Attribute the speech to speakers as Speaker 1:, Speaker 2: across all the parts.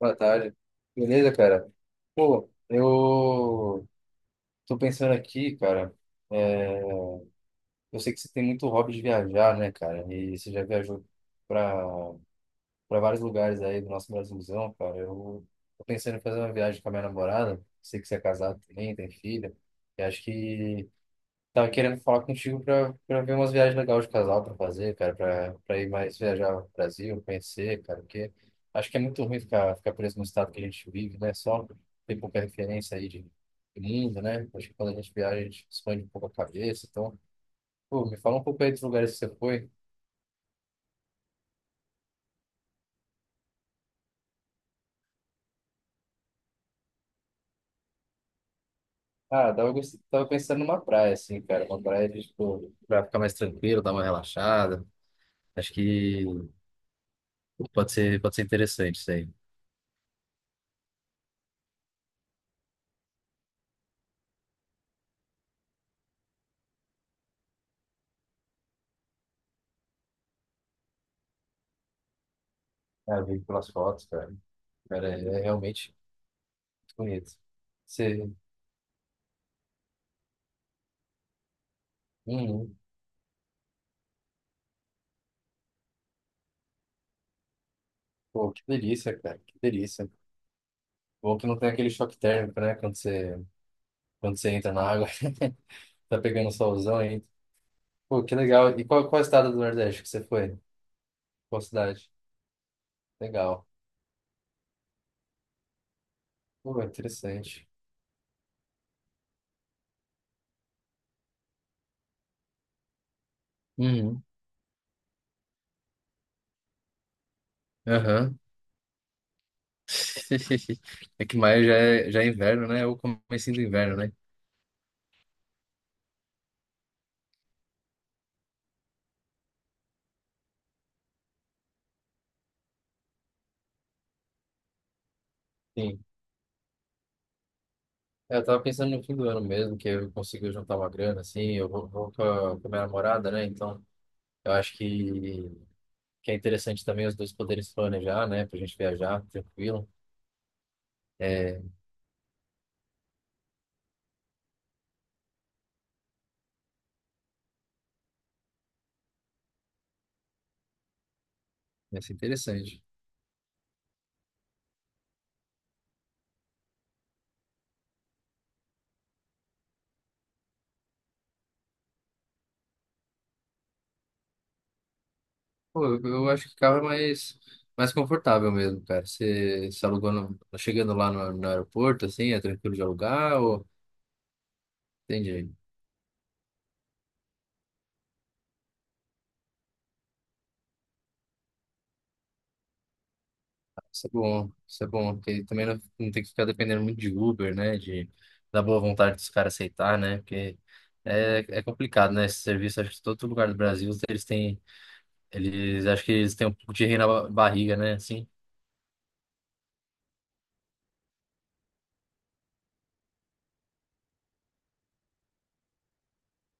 Speaker 1: Boa tarde. Beleza, cara? Pô, eu tô pensando aqui, cara. é, eu sei que você tem muito hobby de viajar, né, cara? E você já viajou pra, pra vários lugares aí do nosso Brasilzão, cara. Eu tô pensando em fazer uma viagem com a minha namorada. Sei que você é casado também, tem filha. E acho que tava querendo falar contigo pra ver umas viagens legais de casal pra fazer, cara, pra ir mais viajar ao Brasil, conhecer, cara, porque acho que é muito ruim ficar preso no estado que a gente vive, né? Só tem pouca referência aí de mundo, né? Acho que quando a gente viaja, a gente expande um pouco a cabeça. Então, pô, me fala um pouco aí dos lugares que você foi. Ah, tava pensando numa praia, assim, cara, uma praia de, tipo, pra ficar mais tranquilo, dar uma relaxada. Acho que pode ser interessante isso aí. Ah, eu vi pelas fotos, cara. Cara, é realmente. Bonito. Você... Uhum. Pô, que delícia, cara. Que delícia. Bom que não tem aquele choque térmico, né? Quando você entra na água. Tá pegando solzão ainda. Pô, que legal. E qual estado do Nordeste que você foi? Qual cidade? Legal. Pô, interessante. Uhum. Aham. É que maio já é inverno, né? Ou comecinho do inverno, né? Sim. É, eu tava pensando no fim do ano mesmo, que eu consigo juntar uma grana, assim, eu vou com a minha namorada, né? Então, eu acho que é interessante também os dois poderem se planejar, né? Pra gente viajar tranquilo. É, vai ser interessante. Pô, eu acho que carro é mais confortável mesmo, cara. Você se alugou no- chegando lá no aeroporto, assim, é tranquilo de alugar ou... Entendi. Isso é bom, porque também não tem que ficar dependendo muito de Uber, né? Da boa vontade dos caras aceitar, né? Porque é complicado, né? Esse serviço, acho que todo lugar do Brasil, eles, acho que eles têm um pouco de rei na barriga, né? Assim.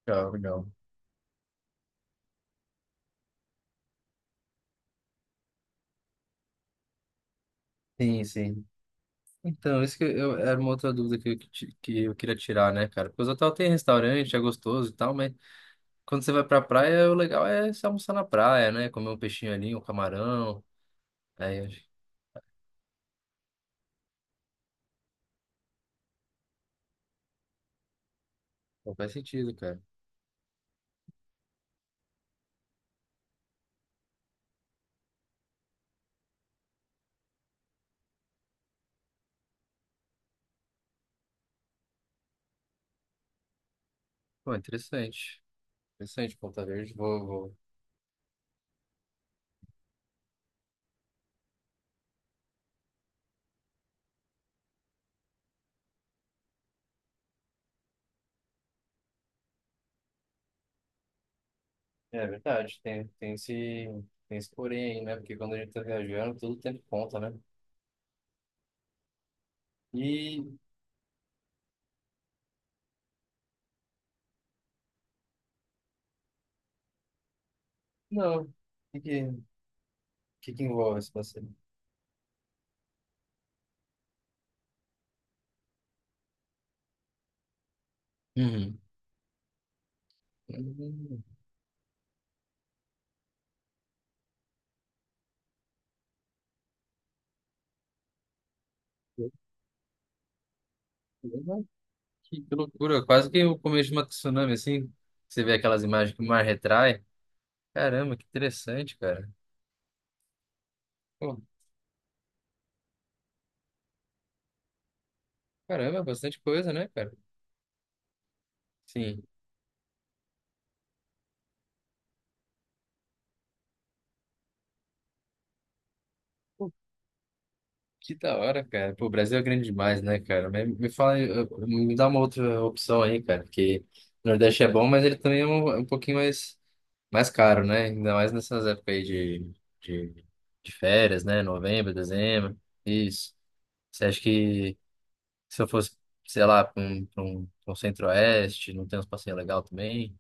Speaker 1: Legal, legal. Sim, sim. Então, isso que eu, era uma outra dúvida que que eu queria tirar, né, cara? Porque os hotel tem restaurante, é gostoso e tal, mas quando você vai pra praia, o legal é se almoçar na praia, né? Comer um peixinho ali, um camarão. Aí, eu acho que não faz sentido, cara. Pô, interessante. Interessante, Ponta Verde. Vou, vou... É verdade, tem esse porém aí, né? Porque quando a gente tá viajando, tudo tem conta, né? E, não, o que que envolve esse passeio? Uhum. Hum, que loucura, quase que o começo de uma tsunami, assim, você vê aquelas imagens que o mar retrai. Caramba, que interessante, cara. Pô, caramba, bastante coisa, né, cara? Sim. Pô, que da hora, cara. Pô, o Brasil é grande demais, né, cara? Me fala, aí, me dá uma outra opção aí, cara, porque o Nordeste é bom, mas ele também é um pouquinho mais caro, né? Ainda mais nessas épocas aí de, de férias, né? Novembro, dezembro, isso. Você acha que se eu fosse, sei lá, pra um centro-oeste, não tem uns passeios legal também.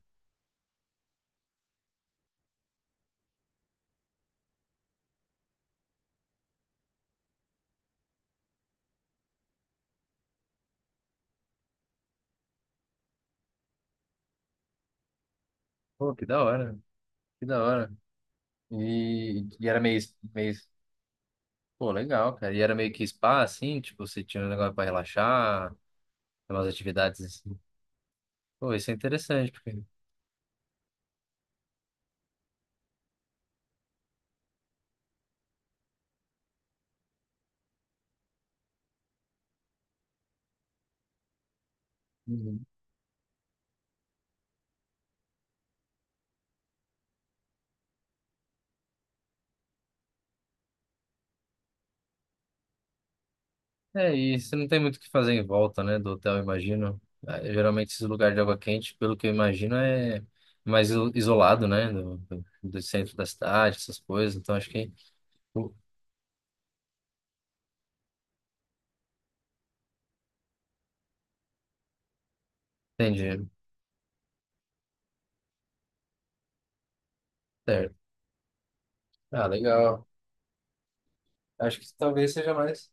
Speaker 1: Pô, que da hora, que da hora. E, e era meio, meio, pô, legal, cara. E era meio que spa, assim, tipo, você tinha um negócio pra relaxar, umas atividades assim. Pô, isso é interessante, porque... Uhum. É, e você não tem muito o que fazer em volta, né, do hotel, eu imagino. Ah, geralmente esses lugares de água quente, pelo que eu imagino, é mais isolado, né, do do centro da cidade, essas coisas. Então, acho que... Entendi. Ah, legal. Acho que talvez seja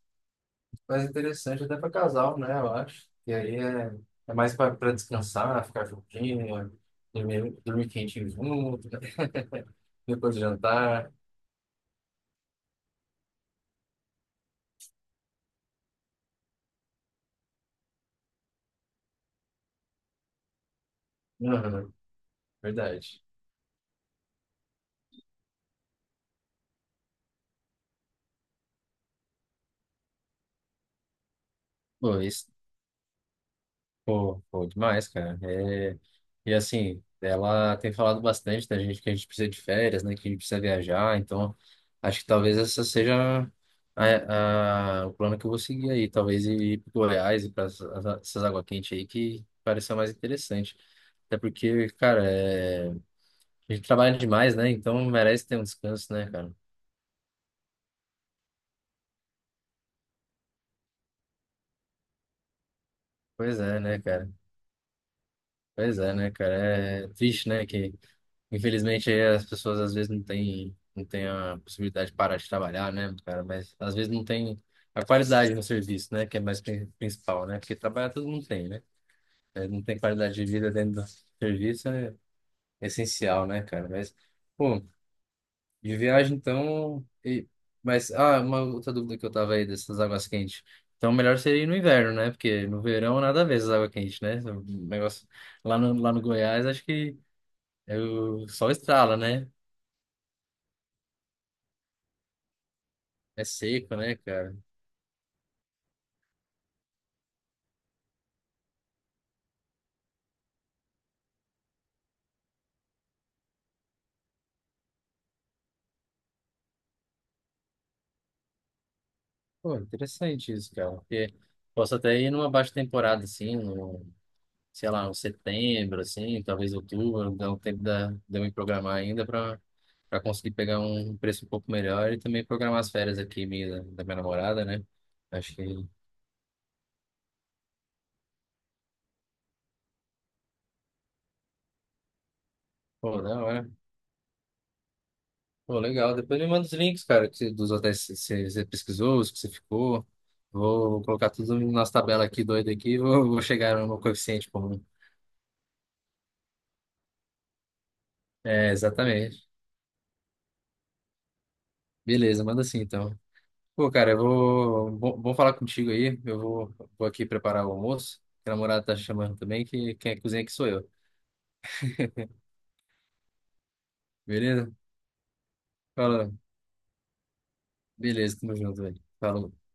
Speaker 1: mais interessante até para casal, né? Eu acho. E aí é, é mais para descansar, ficar juntinho, dormir quentinho junto, depois do jantar. Uhum, verdade. Bom, isso pô, pô, demais, cara. É, e assim, ela tem falado bastante da gente que a gente precisa de férias, né? Que a gente precisa viajar. Então, acho que talvez essa seja o plano que eu vou seguir aí. Talvez ir para Goiás e para essas água quente aí que pareceu mais interessante. Até porque, cara, é, a gente trabalha demais, né? Então merece ter um descanso, né, cara? Pois é, né, cara? Pois é, né, cara? É triste, né, que infelizmente, aí as pessoas às vezes não têm a possibilidade de parar de trabalhar, né, cara? Mas às vezes não tem a qualidade no serviço, né? Que é mais principal, né? Porque trabalhar todo mundo tem, né? Mas não tem qualidade de vida dentro do serviço é essencial, né, cara? Mas, pô, de viagem então. Mas, ah, uma outra dúvida que eu tava aí dessas águas quentes. Então, melhor seria ir no inverno, né? Porque no verão nada a ver essas águas quentes, né? O negócio lá no Goiás, acho que é o sol estrala, né? É seco, né, cara? Pô, interessante isso, cara. Porque posso até ir numa baixa temporada, assim, sei lá, no setembro, assim, talvez outubro, dá um tempo de eu me programar ainda para conseguir pegar um preço um pouco melhor e também programar as férias aqui minha, da minha namorada, né? Acho que, pô, da hora. Pô, legal. Depois me manda os links, cara, dos hotéis que você pesquisou, os que você ficou. Vou colocar tudo na nossa tabela aqui doida aqui e vou chegar no coeficiente comum. É, exatamente. Beleza, manda assim então. Pô, cara, eu vou. Bom, bom falar contigo aí. Eu vou aqui preparar o almoço. A namorada tá chamando também, que quem é cozinha aqui sou eu. Beleza? Fala. Beleza, tamo junto, velho. Falou.